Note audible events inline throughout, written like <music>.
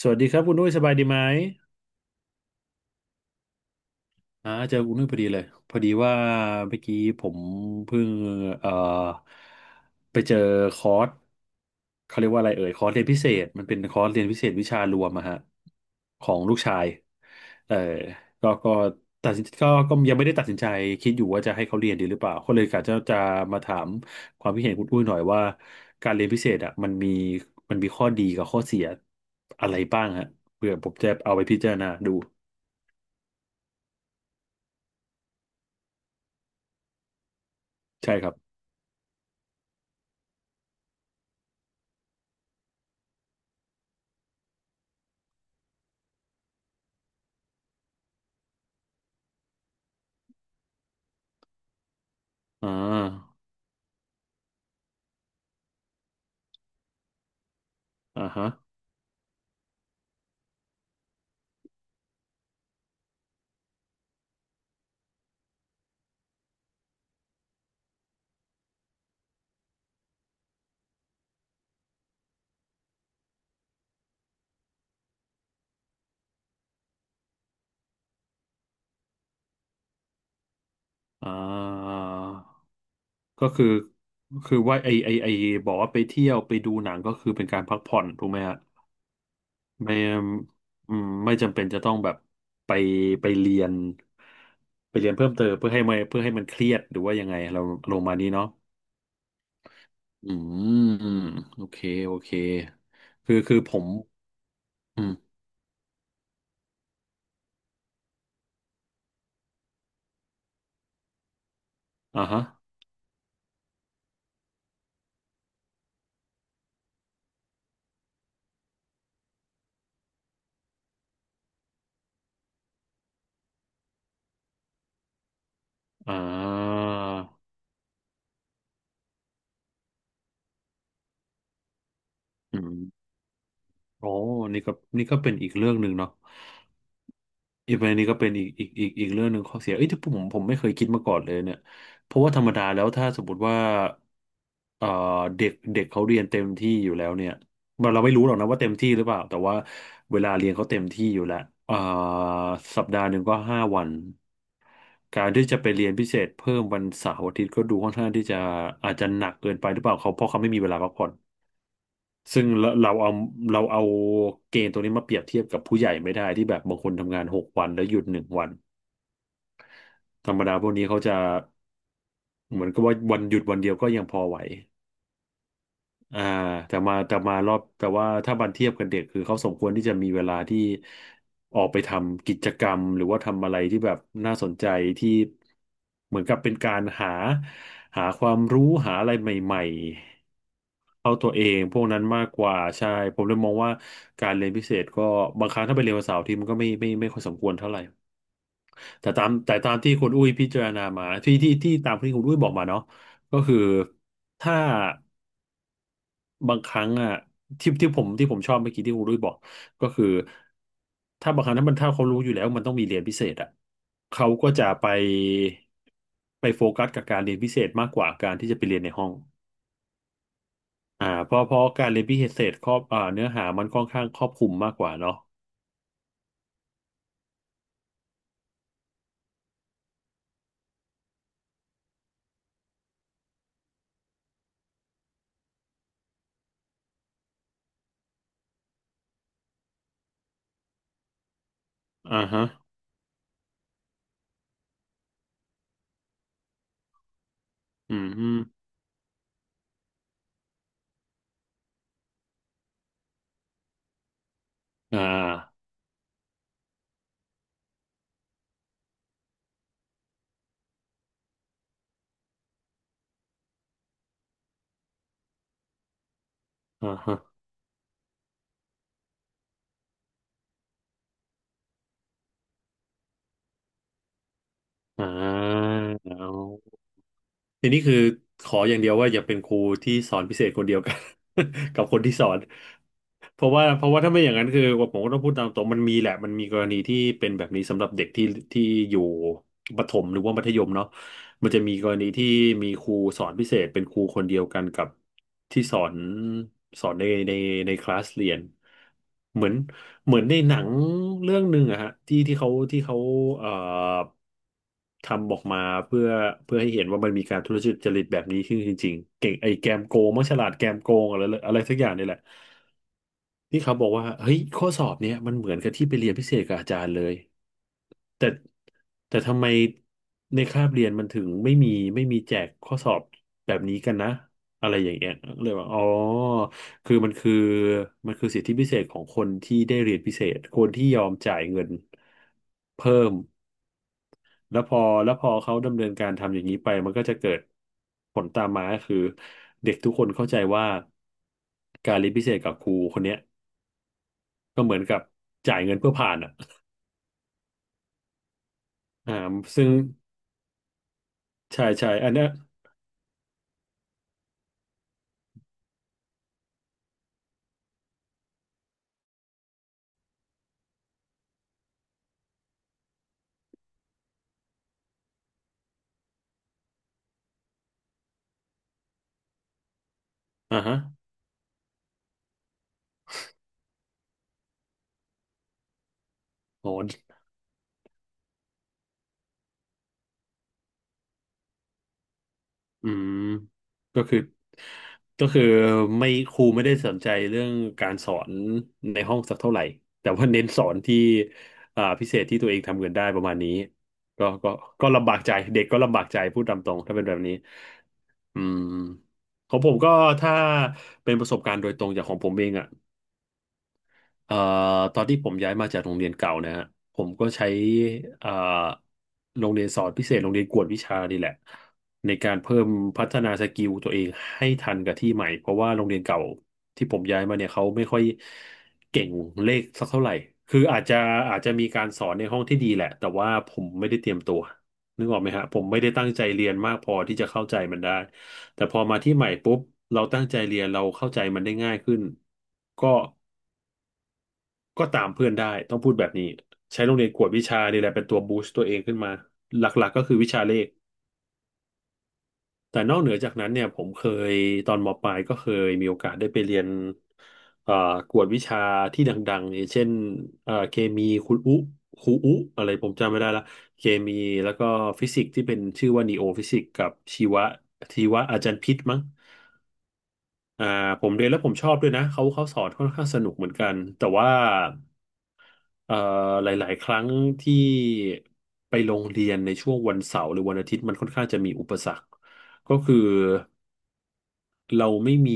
สวัสดีครับคุณนุ้ยสบายดีไหมเจอคุณนุ้ยพอดีเลยพอดีว่าเมื่อกี้ผมเพิ่งเอ่อไปเจอคอร์สเขาเรียกว่าอะไรเอ่ยคอร์สเรียนพิเศษมันเป็นคอร์สเรียนพิเศษวิชารวมอะฮะของลูกชายเออก็ตัดสินก็ก็ยังไม่ได้ตัดสินใจคิดอยู่ว่าจะให้เขาเรียนดีหรือเปล่าก็เลยกะจะมาถามความคิดเห็นคุณอุ้ยหน่อยว่าการเรียนพิเศษอะมันมีข้อดีกับข้อเสียอะไรบ้างฮะเพื่อผมจะเอาไปพิจารณาดู ใช่ครับอ่าอ่าฮะอ่าก็คือคือว่าไอบอกว่าไปเที่ยวไปดูหนังก็คือเป็นการพักผ่อนถูกไหมฮะไม่อืมไม่จำเป็นจะต้องแบบไปไปเรียนไปเรียนเพิ่มเติมเพื่อให้มันเครียดหรือว่ายังไงเราลงมานี้เนาะอืม โอเคโอเคคือผมอืมอ่าฮะอ่าอืมโอ้นี่ก็นี่ก็เป็นอีกเรื่องหนึ่งเนาะ อีกประเด็นนี้ก็เป็นอีกเรื่องหนึ่งข้อเสียเอ้ยที่ผมไม่เคยคิดมาก่อนเลยเนี่ยเพราะว่าธรรมดาแล้วถ้าสมมติว่าเอ่อเด็กเด็กเขาเรียนเต็มที่อยู่แล้วเนี่ยเราไม่รู้หรอกนะว่าเต็มที่หรือเปล่าแต่ว่าเวลาเรียนเขาเต็มที่อยู่แล้วเอ่อสัปดาห์หนึ่งก็ห้าวันการที่จะไปเรียนพิเศษเพิ่มวันเสาร์อาทิตย์ก็ดูค่อนข้างที่จะอาจจะหนักเกินไปหรือเปล่าเขาเพราะเขาไม่มีเวลาพักผ่อน ซึ่งเราเอาเกณฑ์ตัวนี้มาเปรียบเทียบกับผู้ใหญ่ไม่ได้ที่แบบบางคนทำงานหกวันแล้วหยุดหนึ่งวันธรรมดาพวกนี้เขาจะเหมือนกับว่าวันหยุดวันเดียวก็ยังพอไหว อ่าแต่มาแต่มารอบแต่ว่าถ้าบันเทียบกับเด็กคือเขาสมควรที่จะมีเวลาที่ออกไปทำกิจกรรมหรือว่าทำอะไรที่แบบน่าสนใจที่เหมือนกับเป็นการหาความรู้หาอะไรใหม่ๆเข้าตัวเองพวกนั้นมากกว่าใช่ผมเลยมองว่าการเรียนพิเศษก็บางครั้งถ้าไปเรียนวันเสาร์อาที่มันก็ไม่ค่อยสมควรเท่าไหร่แต่ตามที่คุณอุ้ยพิจารณามาที่ที่ที่ตามที่คุณอุ้ยบอกมาเนาะก็คือถ้า บางครั้งอ่ะที่ผมชอบเมื่อกี้ที่คุณรุ้ยบอกก็คือถ้าบางครั้งถ้ามันถ้าเขารู้อยู่แล้วมันต้องมีเรียนพิเศษอ่ะเขาก็จะไปโฟกัสกับการเรียนพิเศษมากกว่าการที่จะไปเรียนในห้องอ่าเพราะเพราะการเรียนพิเศษครอบอ่าเนื้อหามันค่อนข้างครอบคลุมมากกว่าเนาะอ่าฮะอืมอมอ่าอ่าฮะอ่า ทีนี้คือขออย่างเดียวว่าอย่าเป็นครูที่สอนพิเศษคนเดียวกัน <laughs> กับคนที่สอนเพราะว่าถ้าไม่อย่างนั้นคือผมก็ต้องพูดตามตรงมันมีแหละมันมีกรณีที่เป็นแบบนี้สำหรับเด็กที่ที่อยู่ประถมหรือว่ามัธยมเนาะมันจะมีกรณีที่มีครูสอนพิเศษเป็นครูคนเดียวกันกับที่สอนสอนในคลาสเรียนเหมือน เหมือนในหนังเรื่องหนึ่งอะฮะที่เขาเอ่อทำออกมาเพื่อเพื่อให้เห็นว่ามันมีการทุจริตแบบนี้ขึ้นจริงๆเก่งไอ้แกมโกงมังฉลาดแกมโกงอะไรอะไรสักอย่างนี่แหละ พี่เขาบอกว่าเฮ้ยข้อสอบเนี้ยมันเหมือนกับที่ไปเรียนพิเศษกับอาจารย์เลยแต่แต่ทำไมในคาบเรียนมันถึงไม่มีแจกข้อสอบแบบนี้กันนะอะไรอย่างเงี้ยเลยว่าอ๋อคือมันคือสิทธิพิเศษของคนที่ได้เรียนพิเศษคนที่ยอมจ่ายเงินเพิ่มแล้วพอเขาดำเนินการทำอย่างนี้ไปมันก็จะเกิดผลตามมาคือเด็กทุกคนเข้าใจว่าการเรียนพิเศษกับครูคนเนี้ย ก็เหมือนกับจ่ายเงินเพื่อผ่านอ่ะอ่าซึ่งใช่ใช่อันเนี้ยอ่าฮะอ๋ออืมก็คือก็คือไม่ครูไม่ได้สนใจเรื่องการสอนในห้องสักเท่าไหร่ แต่ว่าเน้นสอนที่อ่าพิเศษที่ตัวเองทำเงินได้ประมาณนี้ ก็ก็ก็ลำบากใจ เด็กก็ลำบากใจพูดตามตรงถ้าเป็นแบบนี้อืมของผมก็ถ้าเป็นประสบการณ์โดยตรงจากของผมเองอ่ะ เอ่อตอนที่ผมย้ายมาจากโรงเรียนเก่านะฮะผมก็ใช้เอ่อโรงเรียนสอนพิเศษโรงเรียนกวดวิชานี่แหละในการเพิ่มพัฒนาสกิลตัวเองให้ทันกับที่ใหม่เพราะว่าโรงเรียนเก่าที่ผมย้ายมาเนี่ยเขาไม่ค่อยเก่งเลขสักเท่าไหร่คืออาจจะมีการสอนในห้องที่ดีแหละแต่ว่าผมไม่ได้เตรียมตัวนึกออกไหมฮะผมไม่ได้ตั้งใจเรียนมากพอที่จะเข้าใจมันได้แต่พอมาที่ใหม่ปุ๊บเราตั้งใจเรียนเราเข้าใจมันได้ง่ายขึ้นก็ ก็ตามเพื่อนได้ต้องพูดแบบนี้ใช้โรงเรียนกวดวิชานี่แหละเป็นตัวบูสต์ตัวเองขึ้นมาหลักๆก็คือวิชาเลขแต่นอกเหนือจากนั้นเนี่ยผมเคยตอนมปลายก็เคยมีโอกาสได้ไปเรียนเอ่อกวดวิชาที่ดังๆอย่างเช่นเคมีคุณอุครูอุอะไรผมจำไม่ได้ละเคมีแล้วก็ฟิสิกส์ที่เป็นชื่อว่านีโอฟิสิกส์กับชีวะชีวะอาจารย์พิษมั้งอ่าผมเรียนแล้วผมชอบด้วยนะเขาสอนค่อนข้างสนุกเหมือนกันแต่ว่า เอ่อหลายๆครั้งที่ไปโรงเรียนในช่วงวันเสาร์หรือวันอาทิตย์มันค่อนข้างจะมีอุปสรรคก็คือเราไม่มี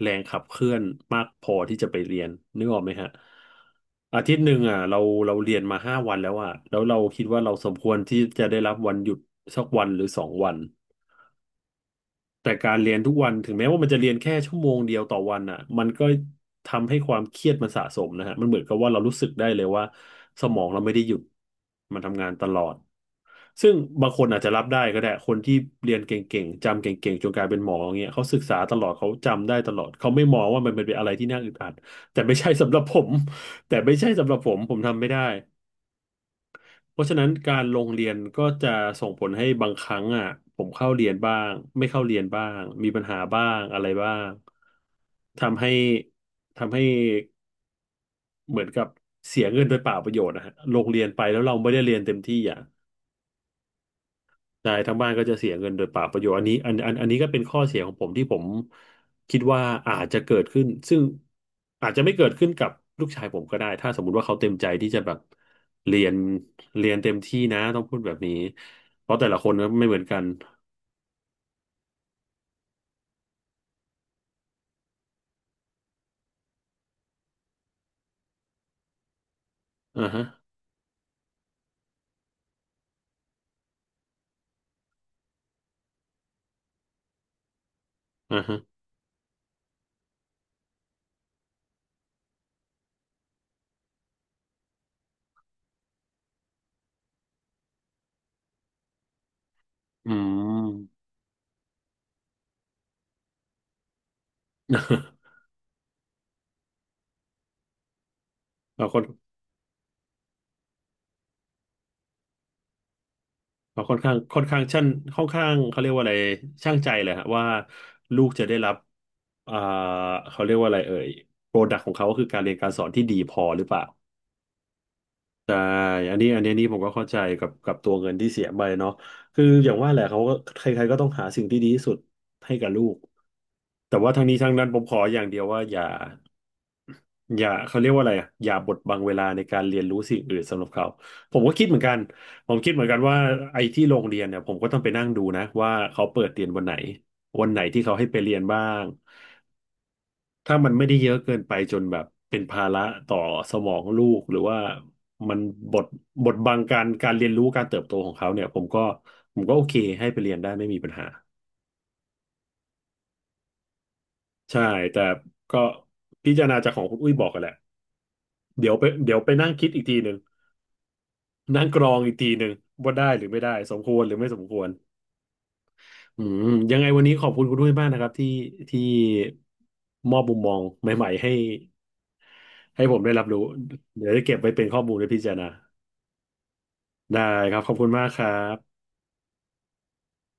แรงขับเคลื่อนมากพอที่จะไปเรียนนึกออกไหมฮะอาทิตย์หนึ่งอ่ะเราเรียนมา5 วันแล้วอ่ะแล้วเราคิดว่าเราสมควรที่จะได้รับวันหยุดสักวันหรือ2 วัน แต่การเรียนทุกวันถึงแม้ว่ามันจะเรียนแค่ชั่วโมงเดียวต่อวันอ่ะมันก็ทำให้ความเครียดมันสะสมนะฮะมันเหมือนกับว่าเรารู้สึกได้เลยว่าสมองเราไม่ได้หยุดมันทำงานตลอดซึ่งบางคนอาจจะรับได้ก็ได้คนที่เรียนเก่งๆจำเก่งๆจนกลายเป็นหมออย่างเงี้ยเขาศึกษาตลอดเขาจำได้ตลอดเขาไม่มองว่ามันเป็นอะไรที่น่าอึดอัดแต่ไม่ใช่สำหรับผมแต่ไม่ใช่สำหรับผมผมทำไม่ได้ เพราะฉะนั้นการลงเรียนก็จะส่งผลให้บางครั้งอ่ะผมเข้าเรียนบ้างไม่เข้าเรียนบ้างมีปัญหาบ้างอะไรบ้างทำให้ทำให้เหมือนกับเสียเงินโดยเปล่าประโยชน์นะฮะลงเรียนไปแล้วเราไม่ได้เรียนเต็มที่อ่ะ ใช่ทั้งบ้านก็จะเสียเงินโดยเปล่าประโยชน์อันนี้ก็เป็นข้อเสียของผมที่ผมคิดว่าอาจจะเกิดขึ้นซึ่งอาจจะไม่เกิดขึ้นกับลูกชายผมก็ได้ถ้าสมมุติว่าเขาเต็มใจที่จะแบบเรียนเรียนเต็มที่นะต้องพูดแบบนี้เพราะแต่ละคนก็ไม่เหมือนกันอ่าฮะอ่าฮะอืม <laughs> เราค่อนเราค่อนข้างค่อนข้างชั่นค่อนข้างเขาเรียกว่าอะไรช่างใจเลยฮะว่าลูกจะได้รับอ่าเขาเรียกว่าอะไรเอ่ยโปรดักต์ของเขาก็คือการเรียนการสอนที่ดีพอหรือเปล่า ใช่อันนี้อันนี้นี่ผมก็เข้าใจกับตัวเงินที่เสียไปเนาะคืออย่างว่าแหละเขาก็ใครๆก็ต้องหาสิ่งที่ดีที่สุดให้กับลูกแต่ว่าทั้งนี้ทั้งนั้นผมขออย่างเดียวว่าอย่าอย่าเขาเรียกว่าอะไรอะอย่าบดบังเวลาในการเรียนรู้สิ่งอื่นสำหรับเขาผมก็คิดเหมือนกันผมคิดเหมือนกันว่าไอ้ที่โรงเรียนเนี่ยผมก็ต้องไปนั่งดูนะว่าเขาเปิดเรียนวันไหนวันไหนที่เขาให้ไปเรียนบ้าง ถ้ามันไม่ได้เยอะเกินไปจนแบบเป็นภาระต่อสมองลูกหรือว่ามันบดบดบังการเรียนรู้การเติบโตของเขาเนี่ยผมก็โอเคให้ไปเรียนได้ไม่มีปัญหาใช่แต่ก็พิจารณาจากของคุณอุ้ยบอกกันแหละเดี๋ยวไปนั่งคิดอีกทีหนึ่งนั่งกรองอีกทีหนึ่งว่าได้หรือไม่ได้สมควรหรือไม่สมควรอืมยังไงวันนี้ขอบคุณคุณด้วยมากนะครับที่มอบมุมมองใหม่ๆให้ผมได้รับรู้เดี๋ยวจะเก็บไว้เป็นข้อมูลและพิจารณา ได้ครับขอบคุณมากครับ